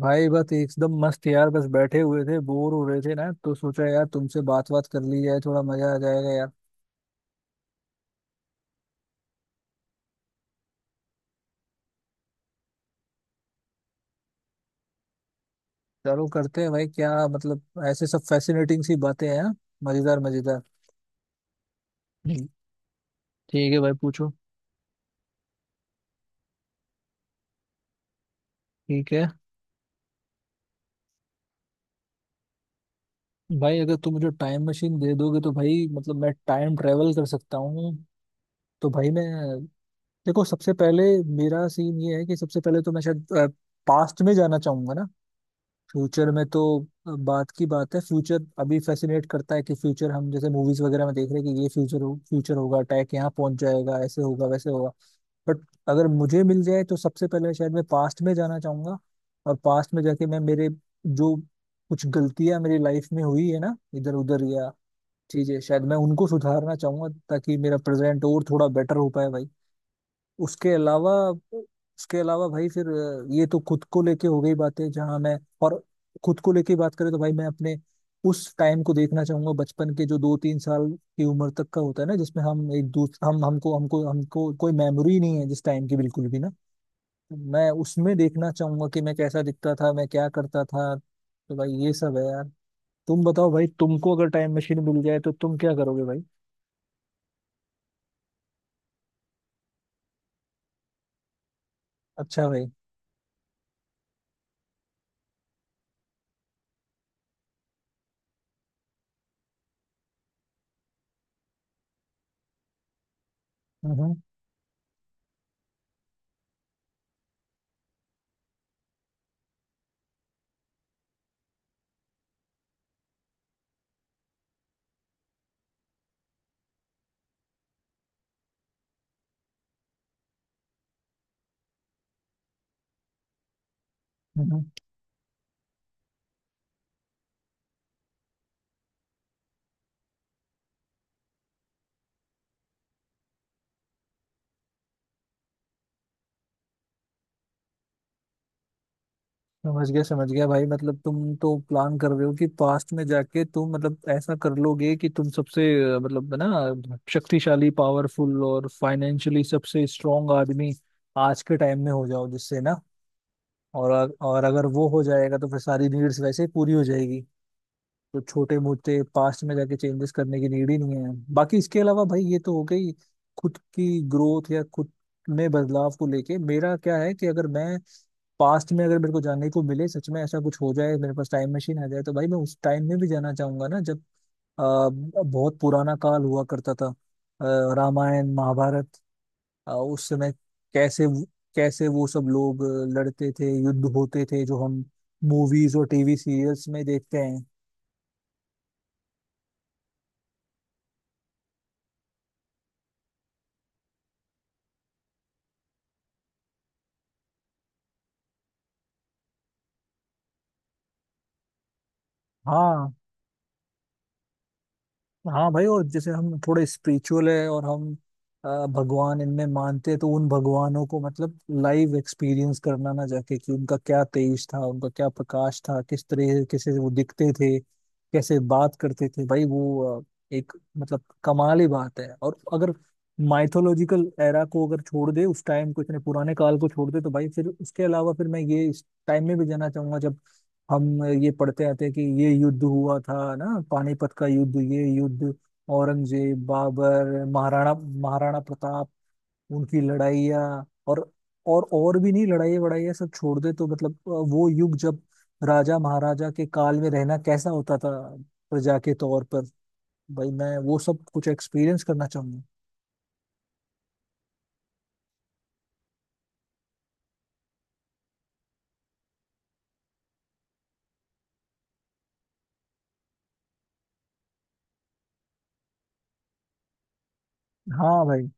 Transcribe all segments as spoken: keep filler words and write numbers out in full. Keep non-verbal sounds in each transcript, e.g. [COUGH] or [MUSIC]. भाई बस एकदम मस्त यार। बस बैठे हुए थे, बोर हो रहे थे ना, तो सोचा यार तुमसे बात बात कर ली जाए, थोड़ा मजा आ जाएगा यार। चलो करते हैं भाई, क्या मतलब, ऐसे सब फैसिनेटिंग सी बातें हैं। मजेदार मजेदार। हम्म। ठीक है भाई, पूछो। ठीक है भाई, अगर तुम मुझे टाइम मशीन दे दोगे तो भाई मतलब मैं टाइम ट्रेवल कर सकता हूँ, तो भाई मैं देखो, सबसे पहले मेरा सीन ये है कि सबसे पहले तो मैं शायद पास्ट में जाना चाहूंगा ना। फ्यूचर में तो बात की बात है, फ्यूचर अभी फैसिनेट करता है कि फ्यूचर हम जैसे मूवीज वगैरह में देख रहे हैं कि ये फ्यूचर हो, फ्यूचर होगा, टैक यहाँ पहुंच जाएगा, ऐसे होगा वैसे होगा। बट अगर मुझे मिल जाए तो सबसे पहले शायद मैं पास्ट में जाना चाहूंगा। और पास्ट में जाके मैं मेरे जो कुछ गलतियां मेरी लाइफ में हुई है ना इधर उधर या चीजें, शायद मैं उनको सुधारना चाहूंगा ताकि मेरा प्रेजेंट और थोड़ा बेटर हो पाए भाई। उसके अलावा, उसके अलावा भाई, फिर अ, ये तो खुद को लेके हो गई बातें जहाँ मैं। और खुद को लेके बात करें तो भाई मैं अपने उस टाइम को देखना चाहूंगा, बचपन के जो दो तीन साल की उम्र तक का होता है ना, जिसमें हम एक दूसरे हम हमको हमको हमको कोई मेमोरी नहीं है जिस टाइम की, बिल्कुल भी ना। मैं उसमें देखना चाहूंगा कि मैं कैसा दिखता था, मैं क्या करता था। तो भाई ये सब है यार। तुम बताओ भाई, तुमको अगर टाइम मशीन मिल जाए तो तुम क्या करोगे भाई। अच्छा भाई। हम्म हम्म हम्म। समझ गया समझ गया भाई, मतलब तुम तो प्लान कर रहे हो कि पास्ट में जाके तुम मतलब ऐसा कर लोगे कि तुम सबसे अ, मतलब है ना, शक्तिशाली पावरफुल और फाइनेंशियली सबसे स्ट्रांग आदमी आज के टाइम में हो जाओ, जिससे ना, और और अगर वो हो जाएगा तो फिर सारी नीड्स वैसे ही पूरी हो जाएगी। तो छोटे मोटे पास्ट में जाके चेंजेस करने की नीड ही नहीं है। बाकी इसके अलावा भाई ये तो हो गई खुद की ग्रोथ या खुद में बदलाव को लेके, मेरा क्या है कि अगर मैं पास्ट में, अगर मेरे को जाने को मिले, सच में ऐसा कुछ हो जाए, मेरे पास टाइम मशीन आ जाए, तो भाई मैं उस टाइम में भी जाना चाहूंगा ना जब अ, बहुत पुराना काल हुआ करता था, अ, रामायण महाभारत, अ, उस समय कैसे, कैसे वो सब लोग लड़ते थे, युद्ध होते थे जो हम मूवीज और टीवी सीरियल्स में देखते हैं। हाँ हाँ भाई। और जैसे हम थोड़े स्पिरिचुअल है और हम अ, भगवान इनमें मानते हैं, तो उन भगवानों को मतलब लाइव एक्सपीरियंस करना ना जाके, कि उनका क्या तेज था, उनका क्या प्रकाश था, किस तरह कैसे वो दिखते थे, कैसे बात करते थे भाई वो। अ, एक मतलब कमाल ही बात है। और अगर माइथोलॉजिकल एरा को अगर छोड़ दे, उस टाइम को, इतने पुराने काल को छोड़ दे तो भाई फिर उसके अलावा फिर मैं ये इस टाइम में भी जाना चाहूंगा जब हम ये पढ़ते आते हैं कि ये युद्ध हुआ था ना, पानीपत का युद्ध, ये युद्ध, औरंगजेब बाबर महाराणा महाराणा प्रताप उनकी लड़ाइयाँ, और और और भी नहीं, लड़ाई वड़ाई सब छोड़ दे तो मतलब अ, वो युग जब राजा महाराजा के काल में रहना कैसा होता था प्रजा के तौर पर, भाई मैं वो सब कुछ एक्सपीरियंस करना चाहूंगा। हाँ भाई।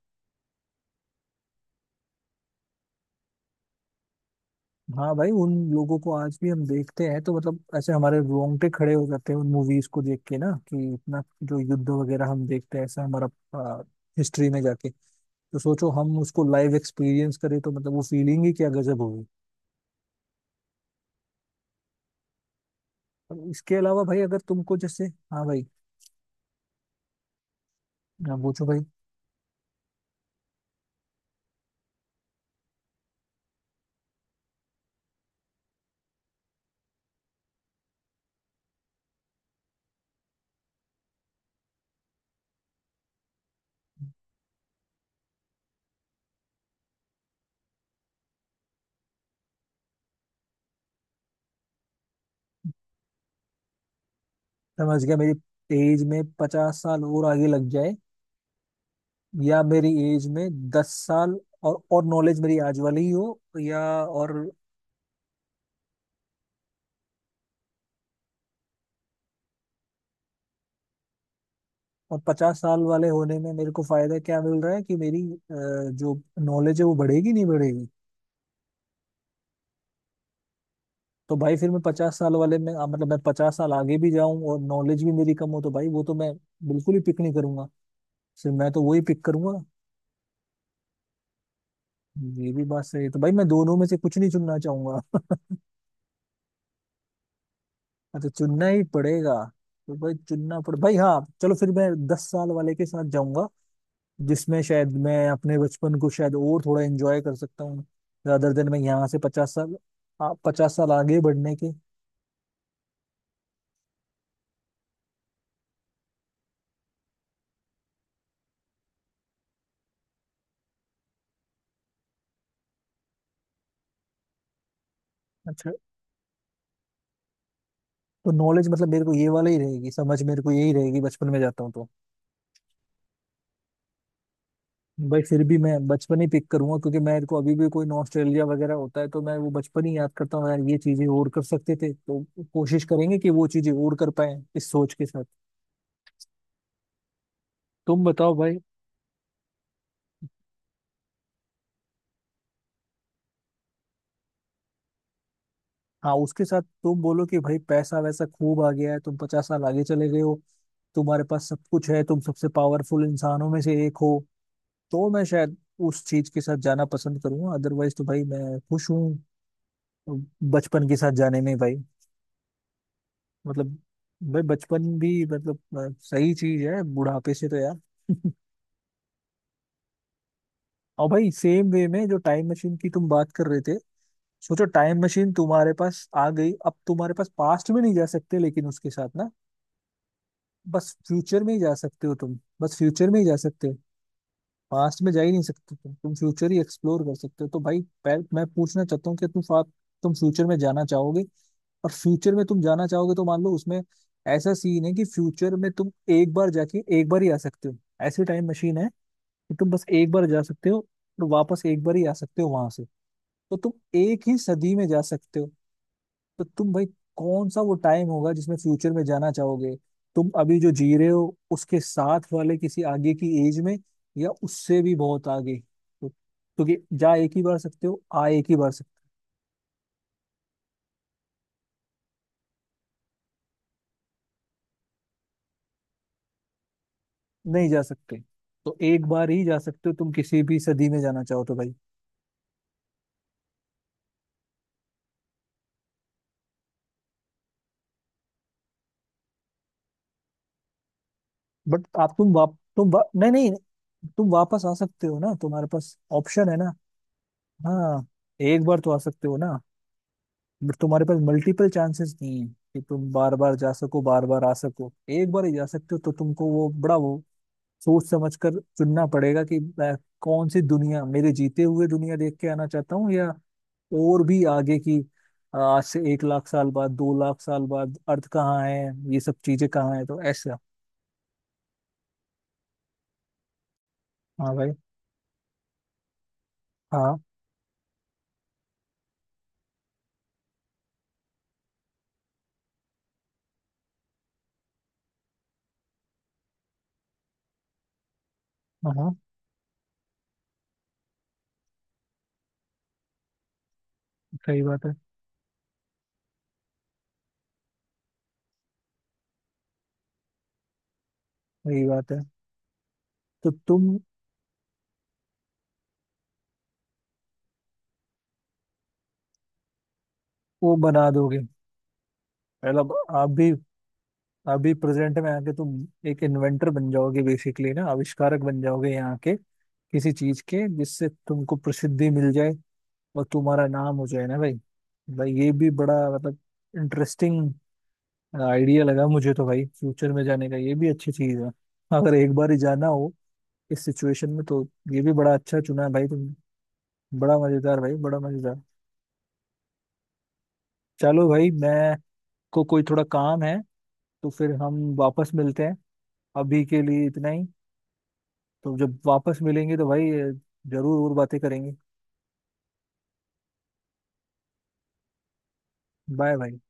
हाँ भाई, उन लोगों को आज भी हम देखते हैं तो मतलब ऐसे हमारे रोंगटे खड़े हो जाते हैं उन मूवीज को देख के ना, कि इतना जो युद्ध वगैरह हम देखते हैं ऐसा हमारा हिस्ट्री में जाके, तो सोचो हम उसको लाइव एक्सपीरियंस करें तो मतलब वो फीलिंग ही क्या गजब होगी। अब इसके अलावा भाई अगर तुमको जैसे, हाँ भाई, हाँ, पूछो भाई। समझ गया, मेरी एज में पचास साल और आगे लग जाए या मेरी एज में दस साल और और नॉलेज मेरी आज वाली ही हो या और। और पचास साल वाले होने में मेरे को फायदा क्या मिल रहा है कि मेरी अ, जो नॉलेज है वो बढ़ेगी नहीं बढ़ेगी। तो भाई फिर मैं पचास साल वाले में अ, मतलब मैं पचास साल आगे भी जाऊं और नॉलेज भी मेरी कम हो तो भाई वो तो मैं बिल्कुल ही पिक नहीं करूंगा। सिर्फ मैं तो वही पिक करूंगा। ये भी बात सही है, तो भाई मैं दोनों में से कुछ नहीं चुनना चाहूंगा। [LAUGHS] अच्छा चुनना ही पड़ेगा, तो भाई चुनना पड़े भाई, हाँ चलो फिर मैं दस साल वाले के साथ जाऊंगा जिसमें शायद मैं अपने बचपन को शायद और थोड़ा एंजॉय कर सकता हूँ, रादर देन मैं यहाँ से पचास साल, आ, पचास साल आगे बढ़ने के। अच्छा, तो नॉलेज मतलब मेरे को ये वाला ही रहेगी, समझ मेरे को यही रहेगी बचपन में जाता हूँ तो। भाई फिर भी मैं बचपन ही पिक करूंगा, क्योंकि मेरे को अभी भी कोई ऑस्ट्रेलिया वगैरह होता है तो मैं वो बचपन ही याद करता हूँ यार, ये चीजें और कर सकते थे, तो कोशिश करेंगे कि वो चीजें और कर पाए इस सोच के साथ। तुम बताओ भाई। हाँ, उसके साथ तुम बोलो कि भाई पैसा वैसा खूब आ गया है, तुम पचास साल आगे चले गए हो, तुम्हारे पास सब कुछ है, तुम सबसे पावरफुल इंसानों में से एक हो, तो मैं शायद उस चीज के साथ जाना पसंद करूंगा। अदरवाइज तो भाई मैं खुश हूँ बचपन के साथ जाने में भाई। मतलब भाई बचपन भी मतलब अ, सही चीज है बुढ़ापे से तो यार। [LAUGHS] और भाई सेम वे में जो टाइम मशीन की तुम बात कर रहे थे, सोचो टाइम मशीन तुम्हारे पास आ गई, अब तुम्हारे पास पास्ट में नहीं जा सकते, लेकिन उसके साथ ना बस फ्यूचर में ही जा सकते हो, तुम बस फ्यूचर में ही जा सकते हो, पास्ट में जा ही नहीं सकते तुम तुम फ्यूचर ही एक्सप्लोर कर सकते हो। तो भाई पहले मैं पूछना चाहता हूँ कि तुम फा- तुम फ्यूचर में जाना चाहोगे। और फ्यूचर में तुम जाना चाहोगे तो मान लो उसमें ऐसा सीन है कि फ्यूचर में तुम एक बार जाके एक बार ही आ सकते हो, ऐसी टाइम मशीन है कि तुम बस एक बार जा सकते हो और वापस एक बार ही आ सकते हो वहां से। तो तुम एक ही सदी में जा सकते हो। तो तुम भाई कौन सा वो टाइम होगा जिसमें फ्यूचर में जाना चाहोगे, तुम अभी जो जी रहे हो उसके साथ वाले किसी आगे की एज में या उससे भी बहुत आगे, तो क्योंकि जा एक ही बार सकते हो, आ एक ही बार सकते हो नहीं जा सकते, तो एक बार ही जा सकते हो तुम किसी भी सदी में जाना चाहो तो भाई। बट आप तुम वाप तुम वा, नहीं नहीं, तुम वापस आ सकते हो ना, तुम्हारे पास ऑप्शन है ना। हाँ, एक बार तो आ सकते हो ना, बट तुम्हारे पास मल्टीपल चांसेस नहीं है कि तुम बार बार जा सको बार बार आ सको, एक बार ही जा सकते हो, तो तुमको वो बड़ा वो सोच समझ कर चुनना पड़ेगा कि मैं कौन सी दुनिया, मेरे जीते हुए दुनिया देख के आना चाहता हूँ या और भी आगे की, आ, आज से एक लाख साल बाद, दो लाख साल बाद, अर्थ कहाँ है, ये सब चीजें कहाँ है, तो ऐसा। हाँ भाई। हाँ हाँ। हाँ, सही बात है। सही बात है, तो तुम वो बना दोगे, मतलब आप भी अभी प्रेजेंट में आके तुम एक इन्वेंटर बन जाओगे बेसिकली ना, आविष्कारक बन जाओगे यहाँ के किसी चीज के, जिससे तुमको प्रसिद्धि मिल जाए और तुम्हारा नाम हो जाए ना भाई। भाई ये भी बड़ा मतलब इंटरेस्टिंग आइडिया लगा मुझे तो भाई, फ्यूचर में जाने का ये भी अच्छी चीज है अगर एक बार ही जाना हो इस सिचुएशन में तो। ये भी बड़ा अच्छा चुना है भाई तुमने, बड़ा मजेदार भाई, बड़ा मजेदार। चलो भाई मैं को कोई थोड़ा काम है, तो फिर हम वापस मिलते हैं, अभी के लिए इतना ही। तो जब वापस मिलेंगे तो भाई जरूर और बातें करेंगे। बाय भाई।